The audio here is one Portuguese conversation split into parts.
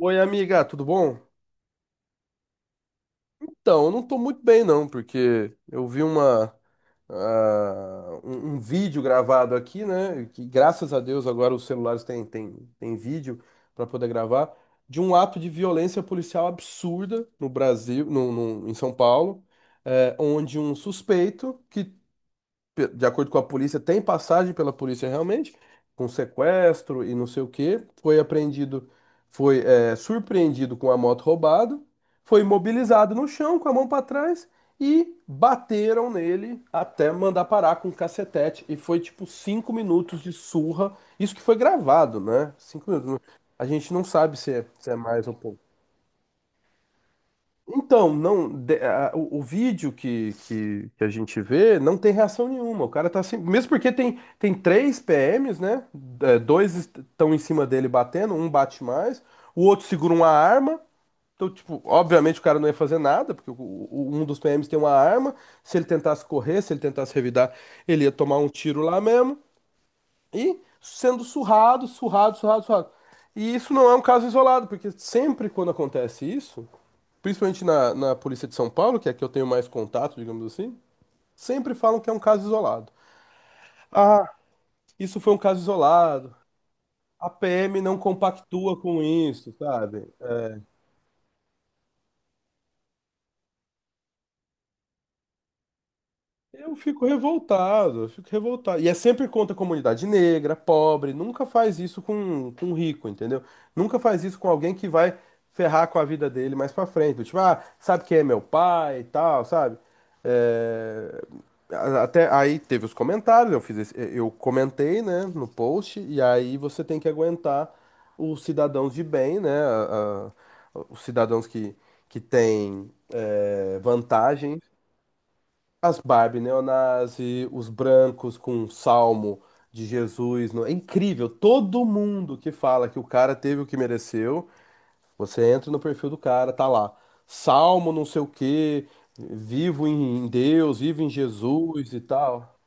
Oi, amiga, tudo bom? Então, eu não tô muito bem não, porque eu vi um vídeo gravado aqui, né? Que graças a Deus agora os celulares têm vídeo para poder gravar de um ato de violência policial absurda no Brasil, em São Paulo, onde um suspeito que de acordo com a polícia, tem passagem pela polícia realmente, com sequestro e não sei o quê. Foi apreendido, foi surpreendido com a moto roubada, foi imobilizado no chão com a mão para trás e bateram nele até mandar parar com um cacetete. E foi tipo 5 minutos de surra. Isso que foi gravado, né? 5 minutos. A gente não sabe se é, se é mais ou pouco. Então, não, o vídeo que a gente vê não tem reação nenhuma. O cara tá assim, mesmo porque tem três PMs, né? É, dois estão em cima dele batendo, um bate mais, o outro segura uma arma. Então, tipo, obviamente o cara não ia fazer nada, porque um dos PMs tem uma arma. Se ele tentasse correr, se ele tentasse revidar, ele ia tomar um tiro lá mesmo. E sendo surrado, surrado, surrado, surrado. E isso não é um caso isolado, porque sempre quando acontece isso, principalmente na polícia de São Paulo, que é a que eu tenho mais contato, digamos assim, sempre falam que é um caso isolado. Ah, isso foi um caso isolado. A PM não compactua com isso, sabe? Eu fico revoltado, eu fico revoltado. E é sempre contra a comunidade negra, pobre, nunca faz isso com um rico, entendeu? Nunca faz isso com alguém que vai ferrar com a vida dele mais pra frente. Do Tipo, ah, sabe quem é meu pai e tal, sabe? É, Até aí teve os comentários, eu eu comentei, né, no post, e aí você tem que aguentar os cidadãos de bem, né? Os cidadãos que têm vantagem, as Barbie, neonazi, os brancos com o salmo de Jesus. É incrível. Todo mundo que fala que o cara teve o que mereceu, você entra no perfil do cara, tá lá. Salmo não sei o quê, vivo em Deus, vivo em Jesus e tal.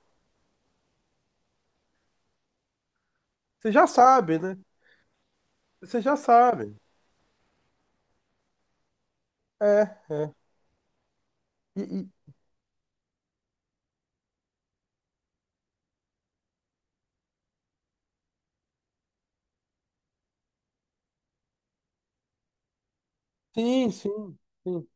Você já sabe, né? Você já sabe. É. E- e- sim, sim, sim.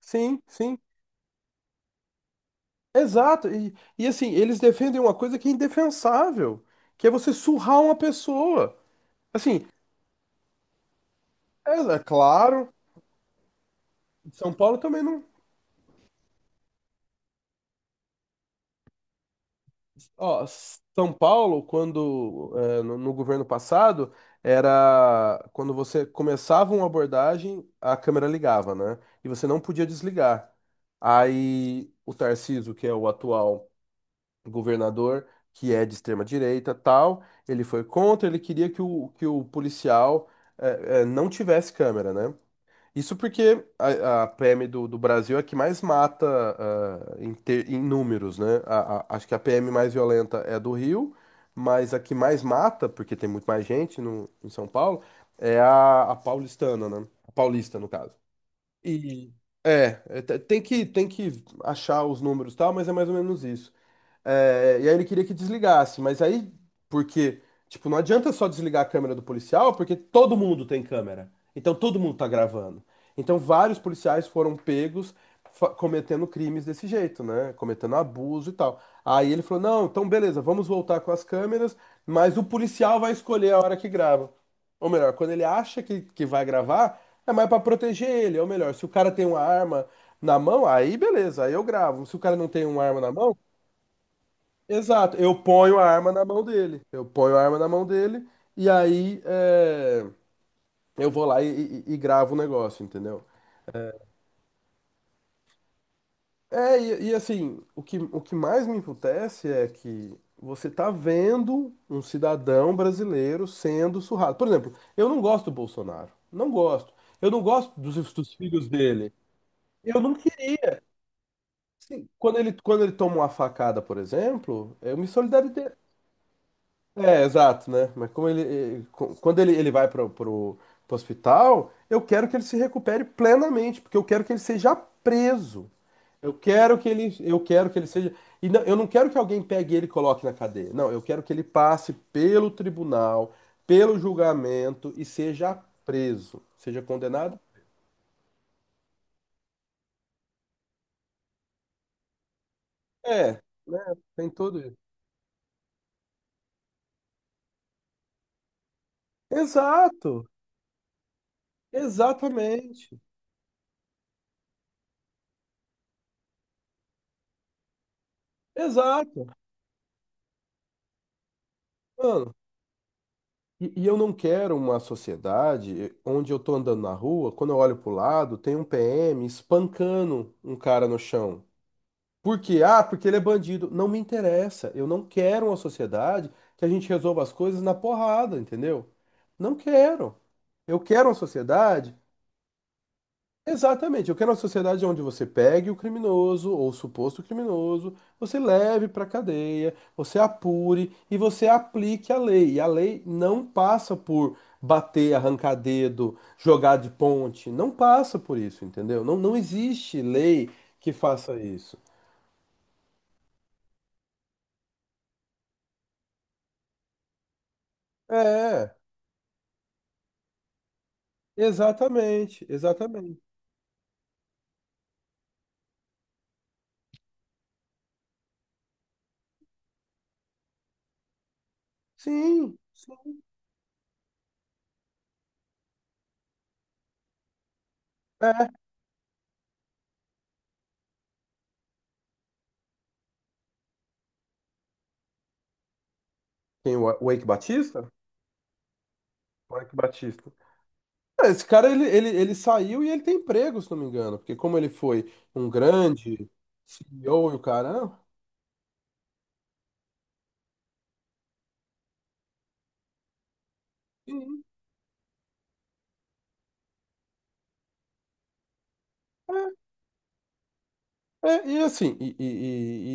Sim. Exato. E assim, eles defendem uma coisa que é indefensável, que é você surrar uma pessoa. Assim, é, é claro. São Paulo também não. Ó, São Paulo, quando é, no governo passado, era quando você começava uma abordagem, a câmera ligava, né? E você não podia desligar. Aí o Tarcísio, que é o atual governador, que é de extrema direita, tal, ele foi contra, ele queria que o policial não tivesse câmera, né? Isso porque a PM do Brasil é a que mais mata em números, né? Acho que a PM mais violenta é a do Rio, mas a que mais mata, porque tem muito mais gente no, em São Paulo, é a paulistana, né? A paulista, no caso. E tem que achar os números e tal, mas é mais ou menos isso. É, e aí ele queria que desligasse, mas aí, porque, tipo, não adianta só desligar a câmera do policial, porque todo mundo tem câmera. Então todo mundo tá gravando. Então vários policiais foram pegos cometendo crimes desse jeito, né? Cometendo abuso e tal. Aí ele falou: não, então beleza, vamos voltar com as câmeras, mas o policial vai escolher a hora que grava. Ou melhor, quando ele acha que vai gravar, é mais pra proteger ele. Ou melhor, se o cara tem uma arma na mão, aí beleza, aí eu gravo. Se o cara não tem uma arma na mão. Exato, eu ponho a arma na mão dele. Eu ponho a arma na mão dele e aí eu vou lá e gravo o negócio, entendeu? É, e assim, o que mais me emputece é que você tá vendo um cidadão brasileiro sendo surrado. Por exemplo, eu não gosto do Bolsonaro. Não gosto. Eu não gosto dos, dos filhos dele. Eu não queria. Assim, quando ele toma uma facada, por exemplo, eu me solidarizei, é, exato, né? Mas como ele vai para o hospital, eu quero que ele se recupere plenamente, porque eu quero que ele seja preso. Eu quero que ele seja. E eu não quero que alguém pegue ele e coloque na cadeia. Não, eu quero que ele passe pelo tribunal, pelo julgamento e seja preso, seja condenado. É, né? Tem tudo isso. Exato, exatamente, exato. Mano. E eu não quero uma sociedade onde eu tô andando na rua, quando eu olho pro lado, tem um PM espancando um cara no chão. Por quê? Ah, porque ele é bandido. Não me interessa. Eu não quero uma sociedade que a gente resolva as coisas na porrada, entendeu? Não quero. Eu quero uma sociedade. Exatamente. Eu quero uma sociedade onde você pegue o criminoso ou o suposto criminoso, você leve para a cadeia, você apure e você aplique a lei. E a lei não passa por bater, arrancar dedo, jogar de ponte. Não passa por isso, entendeu? Não, não existe lei que faça isso. É, exatamente, exatamente. Sim, sim. É. Tem o Eike Batista? O Eike Batista. É, esse cara, ele saiu e ele tem emprego, se não me engano, porque como ele foi um grande CEO e o caramba, e, é, e assim, e, e,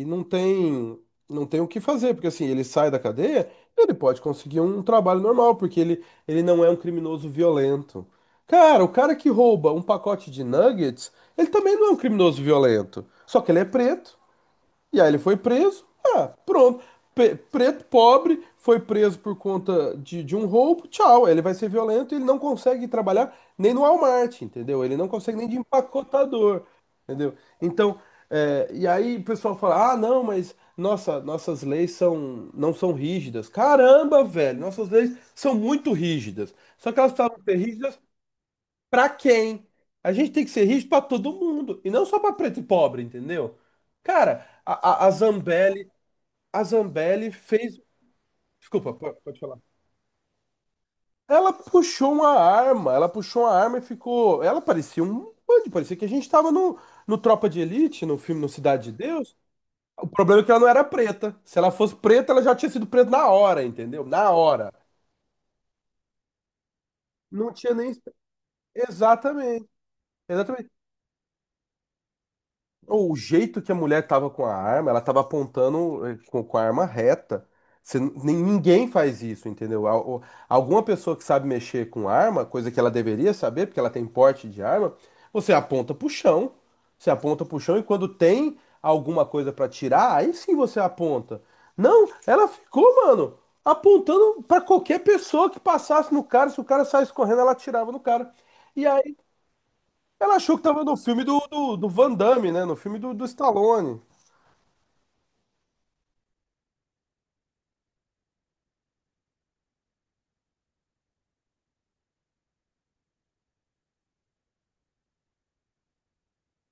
e não tem, não tem o que fazer, porque assim, ele sai da cadeia, ele pode conseguir um trabalho normal, porque ele não é um criminoso violento. Cara, o cara que rouba um pacote de nuggets, ele também não é um criminoso violento, só que ele é preto. E aí ele foi preso. Ah, pronto. Preto, pobre, foi preso por conta de um roubo. Tchau. Ele vai ser violento e ele não consegue trabalhar nem no Walmart, entendeu? Ele não consegue nem de empacotador, entendeu? Então, e aí o pessoal fala: ah, não, mas nossa, nossas leis são, não são rígidas. Caramba, velho, nossas leis são muito rígidas. Só que elas precisavam ser rígidas. Pra quem? A gente tem que ser rico pra todo mundo e não só pra preto e pobre, entendeu? Cara, a Zambelli, a Zambelli fez. Desculpa, pode falar. Ela puxou uma arma, ela puxou uma arma e ficou. Ela parecia um bandido, parecia que a gente tava no Tropa de Elite, no filme No Cidade de Deus. O problema é que ela não era preta. Se ela fosse preta, ela já tinha sido presa na hora, entendeu? Na hora. Não tinha nem. Exatamente. Exatamente. O jeito que a mulher tava com a arma, ela tava apontando com a arma reta. Você ninguém faz isso, entendeu? Alguma pessoa que sabe mexer com arma, coisa que ela deveria saber, porque ela tem porte de arma, você aponta pro chão. Você aponta pro chão e quando tem alguma coisa pra tirar, aí sim você aponta. Não, ela ficou, mano, apontando pra qualquer pessoa que passasse no cara. Se o cara saísse correndo, ela atirava no cara. E aí. Ela achou que tava no filme do Van Damme, né? No filme do Stallone.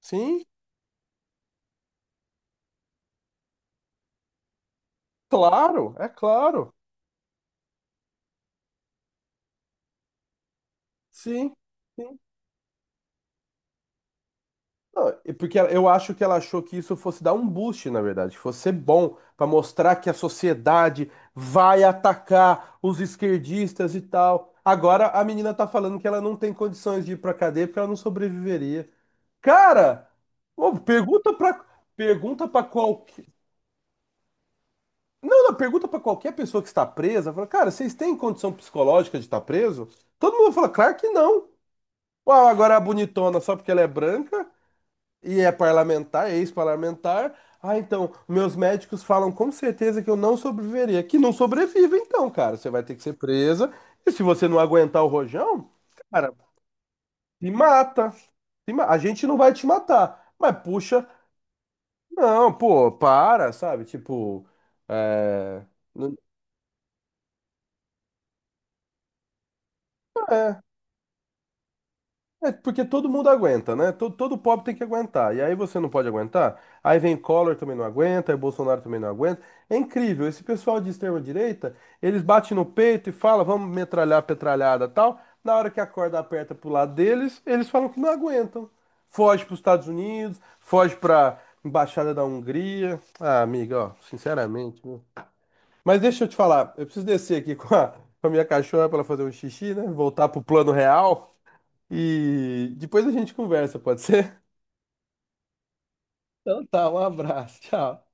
Sim, claro, é claro. Sim, sim. Não, e eu acho que ela achou que isso fosse dar um boost, na verdade, que fosse ser bom pra mostrar que a sociedade vai atacar os esquerdistas e tal. Agora a menina tá falando que ela não tem condições de ir pra cadeia porque ela não sobreviveria. Cara, ô, pergunta pra, pergunta para qual. Não, não, pergunta pra qualquer pessoa que está presa, fala, cara, vocês têm condição psicológica de estar preso? Todo mundo fala, claro que não. Uau, agora a bonitona só porque ela é branca e é parlamentar, é ex-parlamentar. Ah, então, meus médicos falam com certeza que eu não sobreviveria. Que não sobrevive, então, cara. Você vai ter que ser presa. E se você não aguentar o rojão, cara, te mata. Se ma- A gente não vai te matar. Mas, puxa, não, pô, para, sabe? Tipo, é... não- é. É porque todo mundo aguenta, né? Todo, todo pobre tem que aguentar. E aí você não pode aguentar. Aí vem Collor também não aguenta, aí Bolsonaro também não aguenta. É incrível. Esse pessoal de extrema direita, eles batem no peito e falam, vamos metralhar, petralhada, tal. Na hora que a corda aperta pro lado deles, eles falam que não aguentam. Foge para os Estados Unidos, foge para embaixada da Hungria. Ah, amiga, ó, sinceramente, viu? Mas deixa eu te falar, eu preciso descer aqui com a minha cachorra para ela fazer um xixi, né? Voltar pro plano real. E depois a gente conversa, pode ser? Então tá, um abraço, tchau.